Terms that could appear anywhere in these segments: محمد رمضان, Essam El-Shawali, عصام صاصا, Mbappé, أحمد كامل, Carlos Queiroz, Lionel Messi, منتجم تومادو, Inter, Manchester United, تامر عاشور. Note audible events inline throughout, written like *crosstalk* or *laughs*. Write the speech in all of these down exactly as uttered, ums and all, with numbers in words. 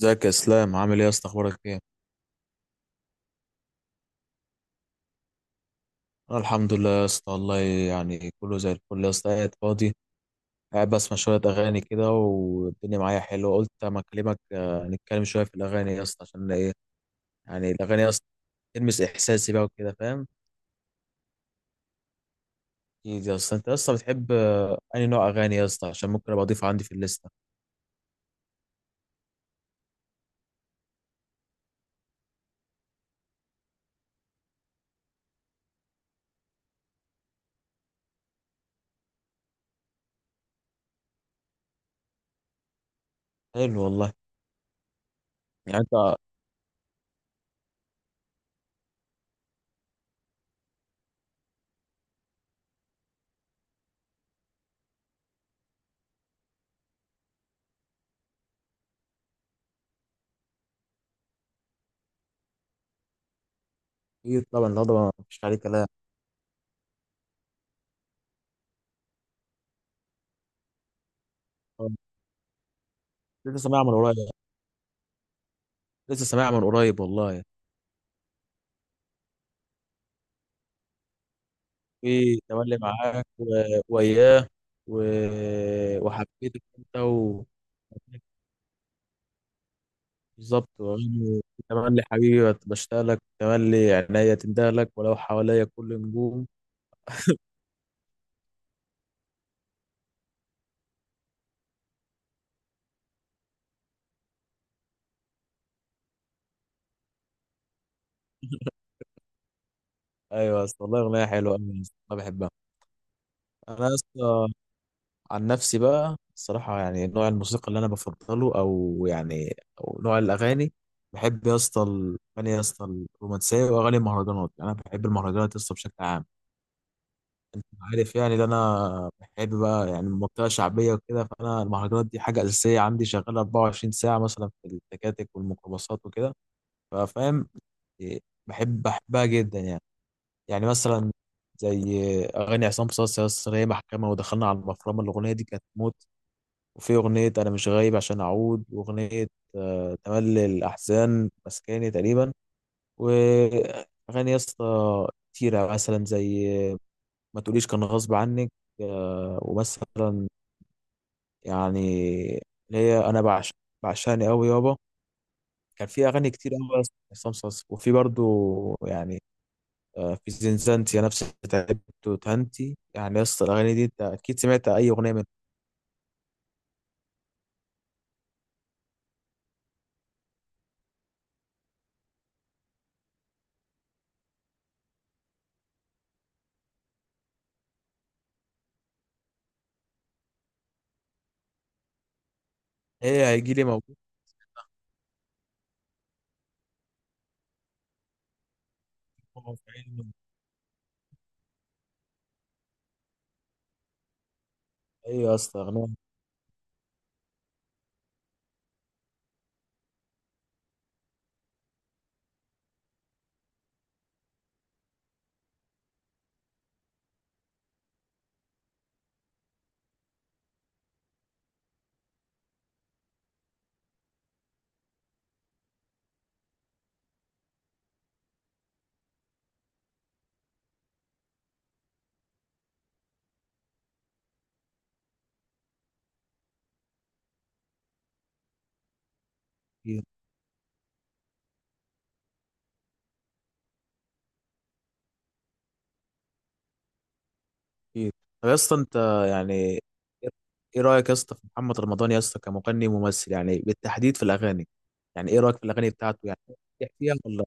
ازيك يا اسلام، عامل ايه يا اسطى؟ اخبارك ايه؟ انا الحمد لله يا اسطى، والله يعني كله زي الفل يا اسطى. قاعد فاضي، قاعد بسمع شويه اغاني كده والدنيا معايا حلوه. قلت اما اكلمك آه، نتكلم شويه في الاغاني يا اسطى. عشان ايه يعني الاغاني يا اسطى؟ تلمس احساسي بقى وكده، فاهم. اكيد يا اسطى. انت يا اسطى بتحب آه، انهي نوع اغاني يا اسطى؟ عشان ممكن ابقى اضيفه عندي في الليسته. حلو والله. يعني انت اكيد طبعا، لا طبعا مفيش عليه كلام. آه، لسه سامعها من قريب، لسه سامعها من قريب والله. في تملي معاك و- وياه و... وحبيتك انت و... بالظبط. وأغاني تملي حبيبي بشتاق لك، تملي عينيا تندهلك لك ولو حواليا كل نجوم. *laughs* ايوه يا اسطى والله، اغنيه حلوه أوي يا اسطى، انا بحبها. انا يا اسطى عن نفسي بقى، الصراحه يعني نوع الموسيقى اللي انا بفضله، او يعني او نوع الاغاني، بحب يا اسطى الاغاني يا اسطى الرومانسيه واغاني المهرجانات. يعني انا بحب المهرجانات يا اسطى بشكل عام. انت عارف يعني، ده انا بحب بقى يعني المنطقه شعبيه وكده، فانا المهرجانات دي حاجه اساسيه عندي، شغاله اربعه وعشرين ساعه مثلا في التكاتك والميكروباصات وكده، ففاهم. إيه، بحب بحبها جدا يعني. يعني مثلا زي اغاني عصام صاصا يا اسطى، هي محكمه، ودخلنا على المفرمه، الاغنيه دي كانت موت. وفي اغنيه انا مش غايب عشان اعود، واغنيه آه، تملي الاحزان مسكاني تقريبا. واغاني يا اسطى كتيره مثلا زي ما تقوليش كان غصب عنك. آه، ومثلا يعني اللي هي انا بعشق، بعشقني قوي يابا. كان في اغاني كتير قوي عصام صاصا. وفي برضو يعني آه، في زنزانتي يا نفسي، تعبت وتهنتي. يعني يا اسطى الاغاني دي انت اكيد سمعت اي اغنيه منها. هي هيجي لي موجود في عيني. ايوه يا اسطى، اغنيه كتير كتير. طب يا اسطى انت يعني ايه إيه رايك يا اسطى في محمد رمضان يا اسطى كمغني وممثل؟ يعني بالتحديد في الاغاني، يعني ايه رايك في الاغاني بتاعته؟ يعني بترتاح فيها ولا؟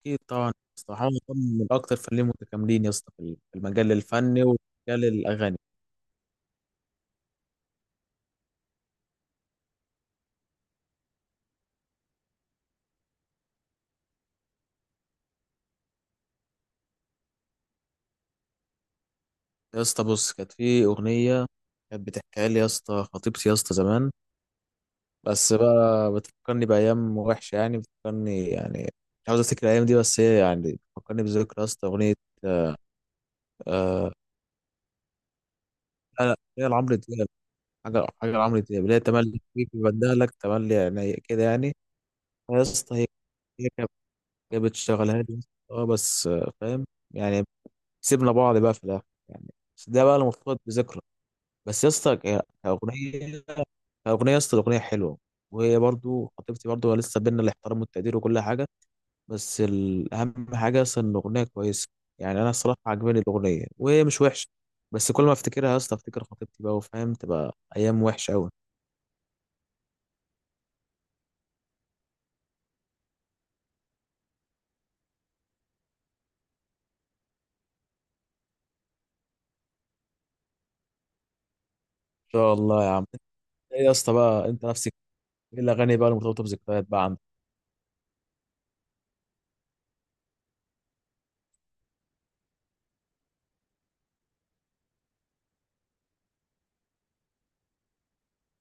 اكيد طبعا يا اسطى، حاول من اكتر فنانين متكاملين يا اسطى في في المجال الفني ومجال الاغاني. يا اسطى بص، كانت في اغنيه كانت بتحكيها لي يا اسطى خطيبتي يا اسطى زمان. بس بقى بتفكرني بايام وحشه، يعني بتفكرني يعني، مش عاوز افتكر الايام دي، بس هي يعني بتفكرني بذكرى يا اسطى اغنيه. آه، لا لا، هي لعمرو دياب. حاجه حاجه لعمرو دياب، اللي هي تملي فيك، بدالك تملي، يعني كده يعني، يا اسطى. هي هي كانت، كانت بتشغلها لي يا اسطى، اه بس آه، فاهم يعني. سيبنا بعض بقى في الاخر يعني، بس ده بقى اللي مرتبط بذكرى. بس يا اسطى ك- كاغنيه، كاغنيه يا اسطى الاغنيه حلوه. وهي برضو خطيبتي، برضو لسه بينا الاحترام والتقدير وكل حاجه. بس الاهم حاجه اصلا ان الاغنيه كويسه. يعني انا الصراحه عجباني الاغنيه وهي مش وحشه. بس كل ما افتكرها يا اسطى، افتكر خطيبتي بقى، وفاهم تبقى ايام وحشه قوي. ان شاء الله يا عم. انت ايه يا اسطى بقى انت نفسك؟ ايه الاغاني بقى المرتبطه بذكريات بقى عندك؟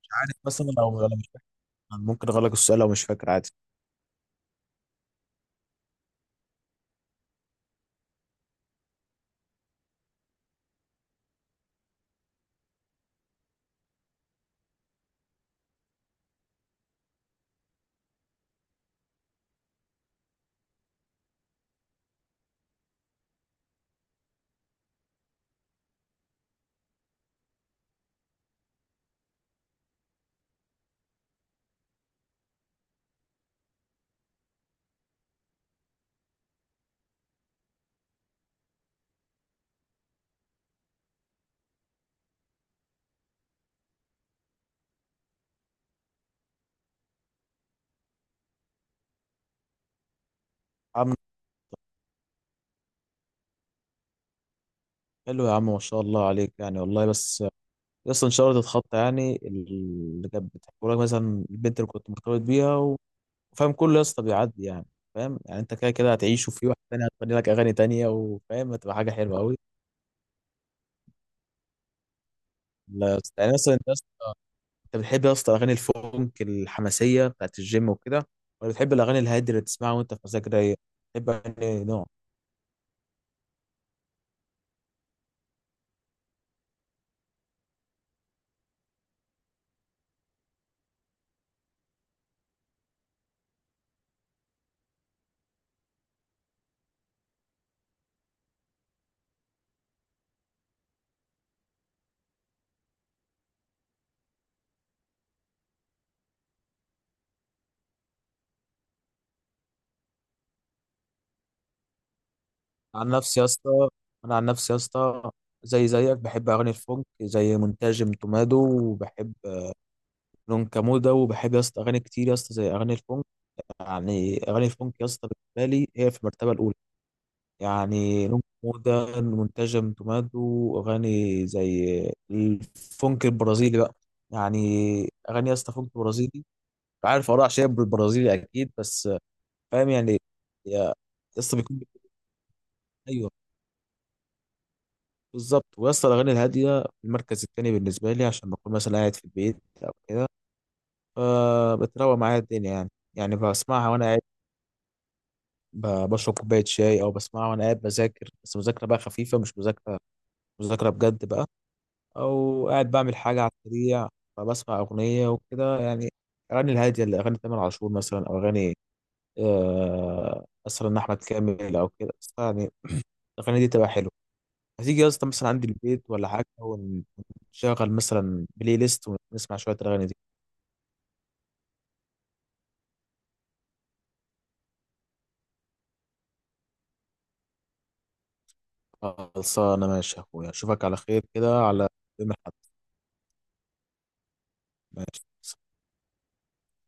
مش عارف مثلا، لو لو مش فاكر ممكن اغلق السؤال، لو مش فاكر عادي. عم، حلو يا عم، ما شاء الله عليك يعني والله. بس اصلا انشرت الخط يعني اللي كانت بتحكي لك مثلا، البنت اللي كنت مرتبط بيها، و- وفاهم، كله يا اسطى بيعدي يعني. فاهم يعني، انت كده كده هتعيش، وفي واحد تاني هتغني لك اغاني تانية، وفاهم هتبقى حاجه حلوه قوي. لا يا اسطى. يعني مثلا انت يا اسطى، انت بتحب يا اسطى اغاني الفونك الحماسيه بتاعت الجيم وكده، ولا بتحب الاغاني الهاديه اللي تسمعها وانت في مزاج رايق؟ بتحب اغاني نوع، عن نفسي يا اسطى، انا عن نفسي يا اسطى زي زيك بحب اغاني الفونك زي منتجم تومادو، وبحب لون ده، وبحب يا اسطى اغاني كتير يا اسطى زي اغاني الفونك. يعني اغاني الفونك يا اسطى بالنسبه لي هي في المرتبه الاولى. يعني لون كمودة منتجم تومادو، اغاني زي الفونك البرازيلي بقى، يعني اغاني يا اسطى فونك برازيلي. عارف اراء شاب بالبرازيلي اكيد، بس فاهم يعني. يا يا اسطى بيكون، ايوه بالظبط. ويا اسطى الاغاني الهاديه في المركز الثاني بالنسبه لي، عشان بكون مثلا قاعد في البيت او كده، فبتروق معايا الدنيا يعني. يعني بسمعها وانا ب- بشرب كوباية شاي، أو بسمعها وأنا قاعد بذاكر، بس مذاكرة بقى خفيفة مش مذاكرة مذاكرة بجد بقى، أو قاعد بعمل حاجة على السريع، فبسمع أغنية وكده يعني. الأغاني الهادية، اللي أغاني تامر عاشور مثلا، أو أغاني آه، مثلا أحمد كامل أو كده، بس يعني الأغاني دي تبقى حلوة. هتيجي يا اسطى مثلا عندي البيت ولا حاجة، ونشغل مثلا بلاي ليست، ونسمع شوية الأغاني دي. خلصانة، ماشي يا أخويا، أشوفك على خير كده على يوم الأحد. ماشي.